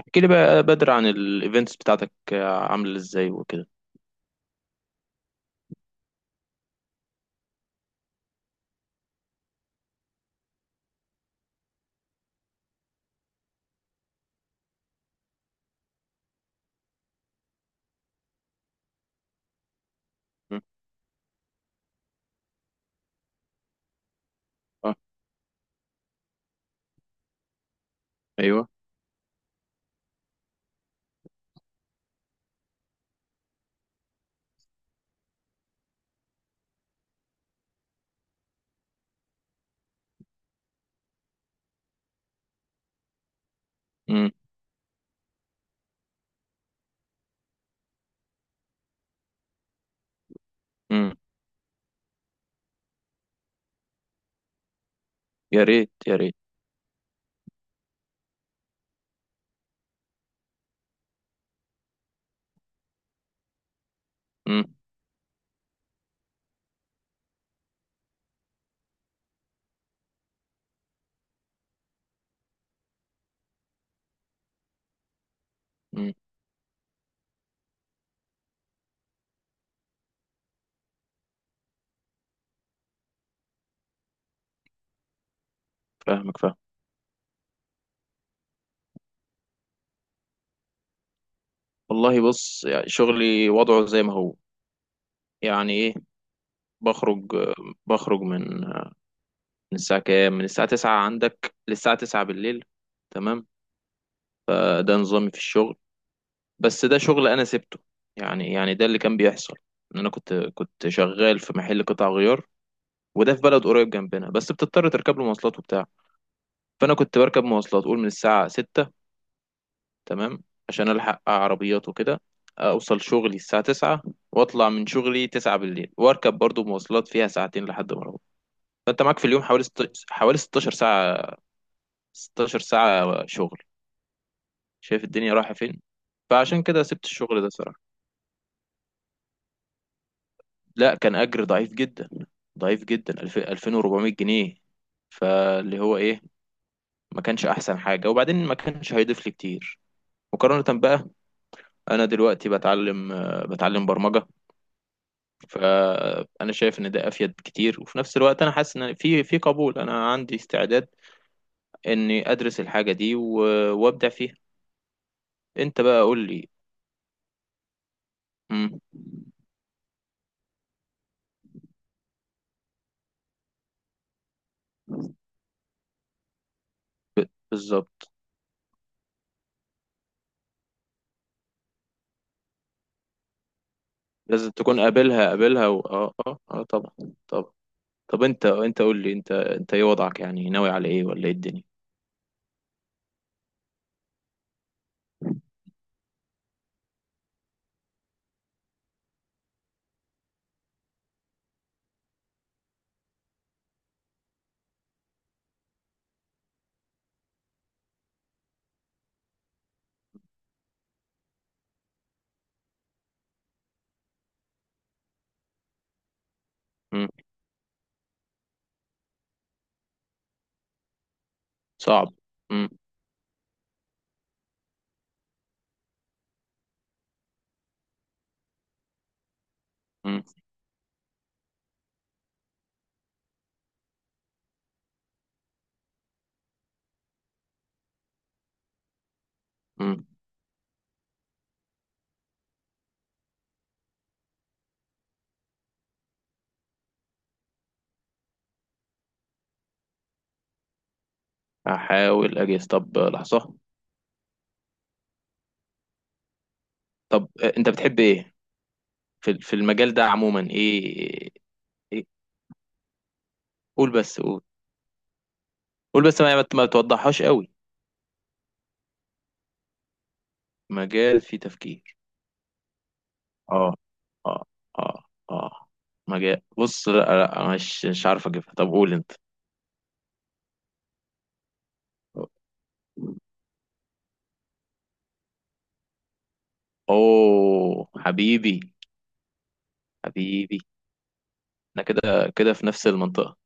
احكي لي بقى بدر عن الايفنتس بتاعتك، عامله ازاي وكده. مم. اه. ايوه. مم. مم. يا ريت يا ريت. مم. مم. فاهمك، فاهم. والله بص، يعني شغلي وضعه زي ما هو. يعني ايه؟ بخرج، بخرج من من الساعه كام، من الساعه 9 عندك للساعه 9 بالليل. تمام. ده نظامي في الشغل، بس ده شغل انا سبته. يعني ده اللي كان بيحصل، ان انا كنت شغال في محل قطع غيار، وده في بلد قريب جنبنا، بس بتضطر تركب له مواصلات وبتاع. فانا كنت بركب مواصلات قول من الساعه 6، تمام، عشان الحق عربيات وكده، اوصل شغلي الساعه 9، واطلع من شغلي 9 بالليل واركب برضو مواصلات فيها ساعتين لحد ما اروح. فانت معاك في اليوم حوالي حوالي 16 ساعه، 16 ساعه شغل. شايف الدنيا رايحه فين؟ فعشان كده سبت الشغل ده صراحه. لا كان اجر ضعيف جدا، ضعيف جدا. 2400 جنيه. فاللي هو ايه، ما كانش احسن حاجه، وبعدين ما كانش هيضيف لي كتير مقارنه بقى. انا دلوقتي بتعلم، بتعلم برمجه. فانا شايف ان ده افيد كتير، وفي نفس الوقت انا حاسس ان في قبول، انا عندي استعداد اني ادرس الحاجه دي وابدع فيها. انت بقى قول لي. مم. ب- بالظبط، لازم تكون قابلها، قابلها اه اه اه طبعا، طبعا. طب انت، قول لي، انت ايه وضعك؟ يعني ناوي على ايه، ولا ايه الدنيا؟ مم. صعب. مم. مم. مم. هحاول اجهز، طب لحظه. طب، انت بتحب ايه في المجال ده عموما، ايه؟ إيه؟ قول بس قول. قول بس ما توضحهاش قوي. مجال فيه تفكير. اه اه اه اه. مجال، بص لا لا، مش عارف اجيبها، طب قول انت. اوه حبيبي. حبيبي. احنا كده كده في نفس المنطقة.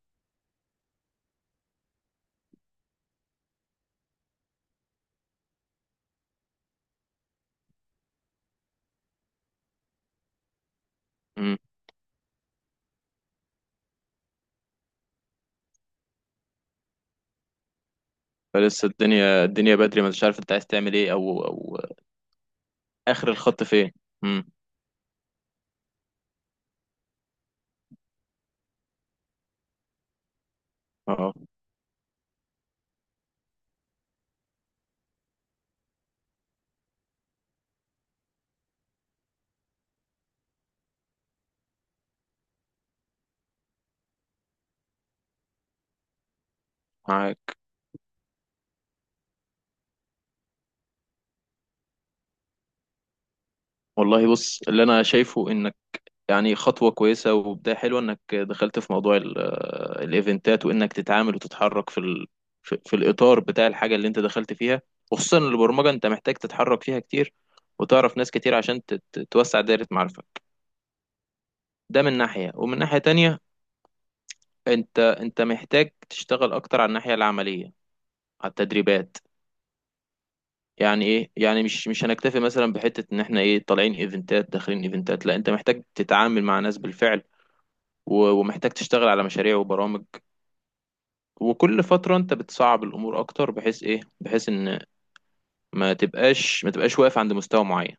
امم. فلسه الدنيا، الدنيا بدري، ما انتش عارف انت عايز تعمل ايه او او اخر الخط فين. امم. اه. معاك. والله بص، اللي انا شايفه ان يعني خطوة كويسة وبداية حلوة، انك دخلت في موضوع الايفنتات، وانك تتعامل وتتحرك في في الاطار بتاع الحاجة اللي انت دخلت فيها. وخصوصا البرمجة، انت محتاج تتحرك فيها كتير وتعرف ناس كتير عشان توسع دائرة معارفك. ده من ناحية، ومن ناحية تانية، انت محتاج تشتغل اكتر على الناحية العملية، على التدريبات. يعني ايه؟ يعني مش هنكتفي مثلا بحتة ان احنا ايه، طالعين ايفنتات داخلين ايفنتات، لا انت محتاج تتعامل مع ناس بالفعل، ومحتاج تشتغل على مشاريع وبرامج. وكل فترة انت بتصعب الامور اكتر، بحيث ايه، بحيث ان ما تبقاش واقف عند مستوى معين.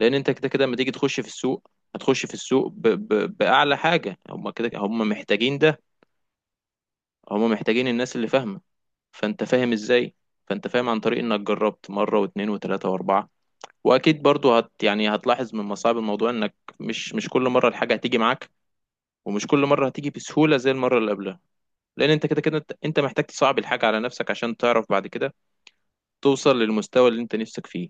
لان انت كده كده لما تيجي تخش في السوق، هتخش في السوق باعلى حاجة. هم كده هم محتاجين ده، هم محتاجين الناس اللي فاهمة. فانت فاهم ازاي؟ فانت فاهم عن طريق انك جربت مرة واتنين وتلاتة واربعة. واكيد برضو يعني هتلاحظ من مصاعب الموضوع انك مش كل مرة الحاجة هتيجي معاك، ومش كل مرة هتيجي بسهولة زي المرة اللي قبلها. لان انت كده كده، أنت محتاج تصعب الحاجة على نفسك عشان تعرف بعد كده توصل للمستوى اللي انت نفسك فيه.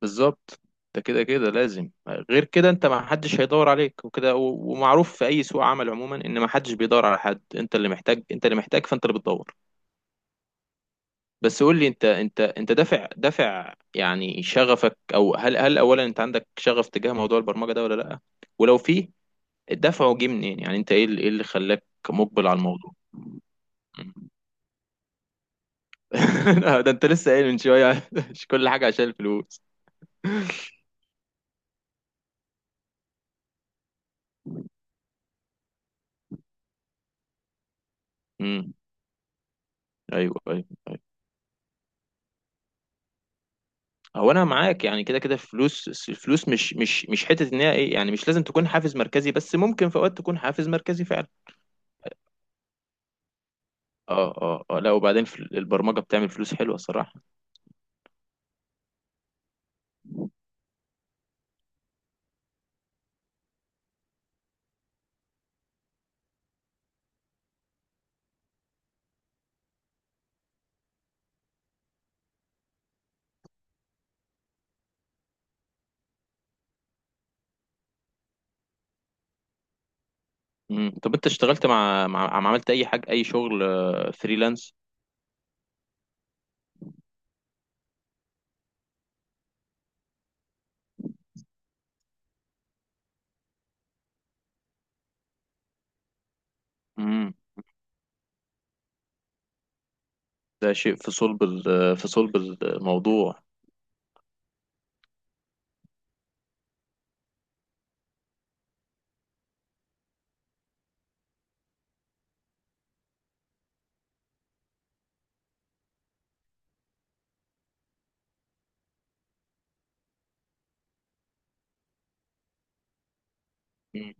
بالظبط. ده كده كده لازم. غير كده انت، ما حدش هيدور عليك وكده، ومعروف في اي سوق عمل عموما ان ما حدش بيدور على حد، انت اللي محتاج، انت اللي محتاج فانت اللي بتدور. بس قول لي، انت دافع، دافع يعني شغفك، او هل اولا انت عندك شغف تجاه موضوع البرمجة ده ولا لا؟ ولو في، دفعه جه منين؟ يعني انت ايه اللي، ايه اللي خلاك مقبل على الموضوع. ده انت لسه قايل من شوية مش كل حاجة عشان الفلوس. امم. ايوه أيوه. هو انا معاك، يعني كده كده فلوس، الفلوس مش حته، ان هي ايه يعني مش لازم تكون حافز مركزي، بس ممكن في اوقات تكون حافز مركزي فعلا. اه اه اه، لا وبعدين في البرمجه بتعمل فلوس حلوه صراحه. مم. طب انت اشتغلت مع، عملت اي حاجه، اي شغل فريلانس؟ امم. ده شيء في صلب في صلب الموضوع. مم.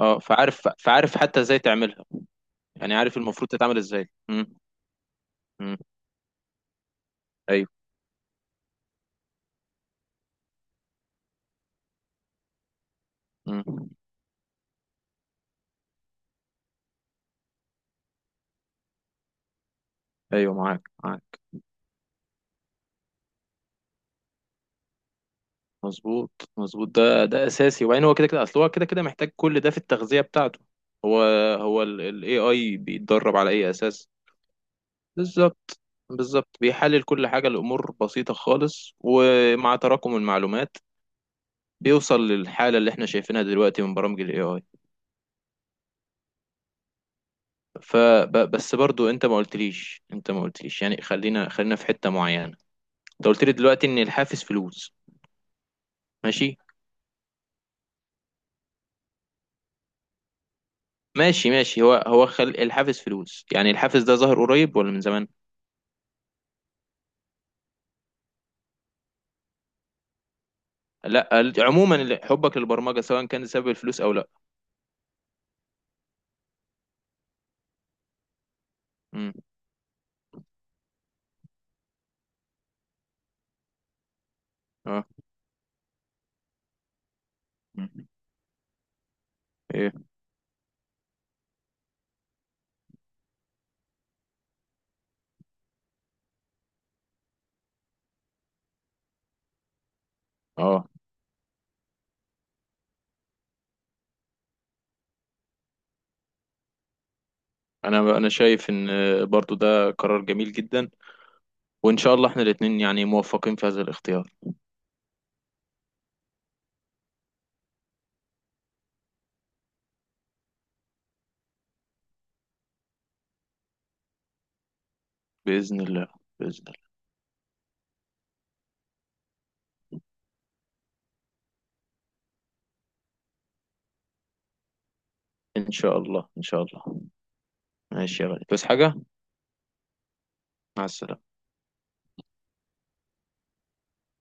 اه، فعارف، فعارف حتى ازاي تعملها. يعني عارف المفروض تتعمل ازاي. امم. امم. ايوه. امم. ايوه، معاك معاك. مظبوط مظبوط. ده ده اساسي، وبعدين هو كده كده، اصل هو كده كده محتاج كل ده في التغذيه بتاعته. هو هو الاي اي بيتدرب على اي اساس. بالظبط، بالظبط. بيحلل كل حاجه، الامور بسيطه خالص، ومع تراكم المعلومات بيوصل للحاله اللي احنا شايفينها دلوقتي من برامج الاي اي. فبس برضو انت ما قلتليش، يعني خلينا، في حته معينه. انت قلت لي دلوقتي ان الحافز فلوس، ماشي. ماشي ماشي. هو هو الحافز فلوس، يعني الحافز ده ظهر قريب ولا من زمان؟ لا عموما، حبك للبرمجه سواء كان سبب الفلوس او لا. امم. اه. مم. ايه. اه، انا انا شايف ان برضو ده قرار جميل جدا، وان شاء الله احنا الاثنين يعني موفقين في هذا الاختيار. باذن الله. باذن الله. ان شاء الله، ان شاء الله. ماشي يا غالي، بس حاجه. مع السلامه.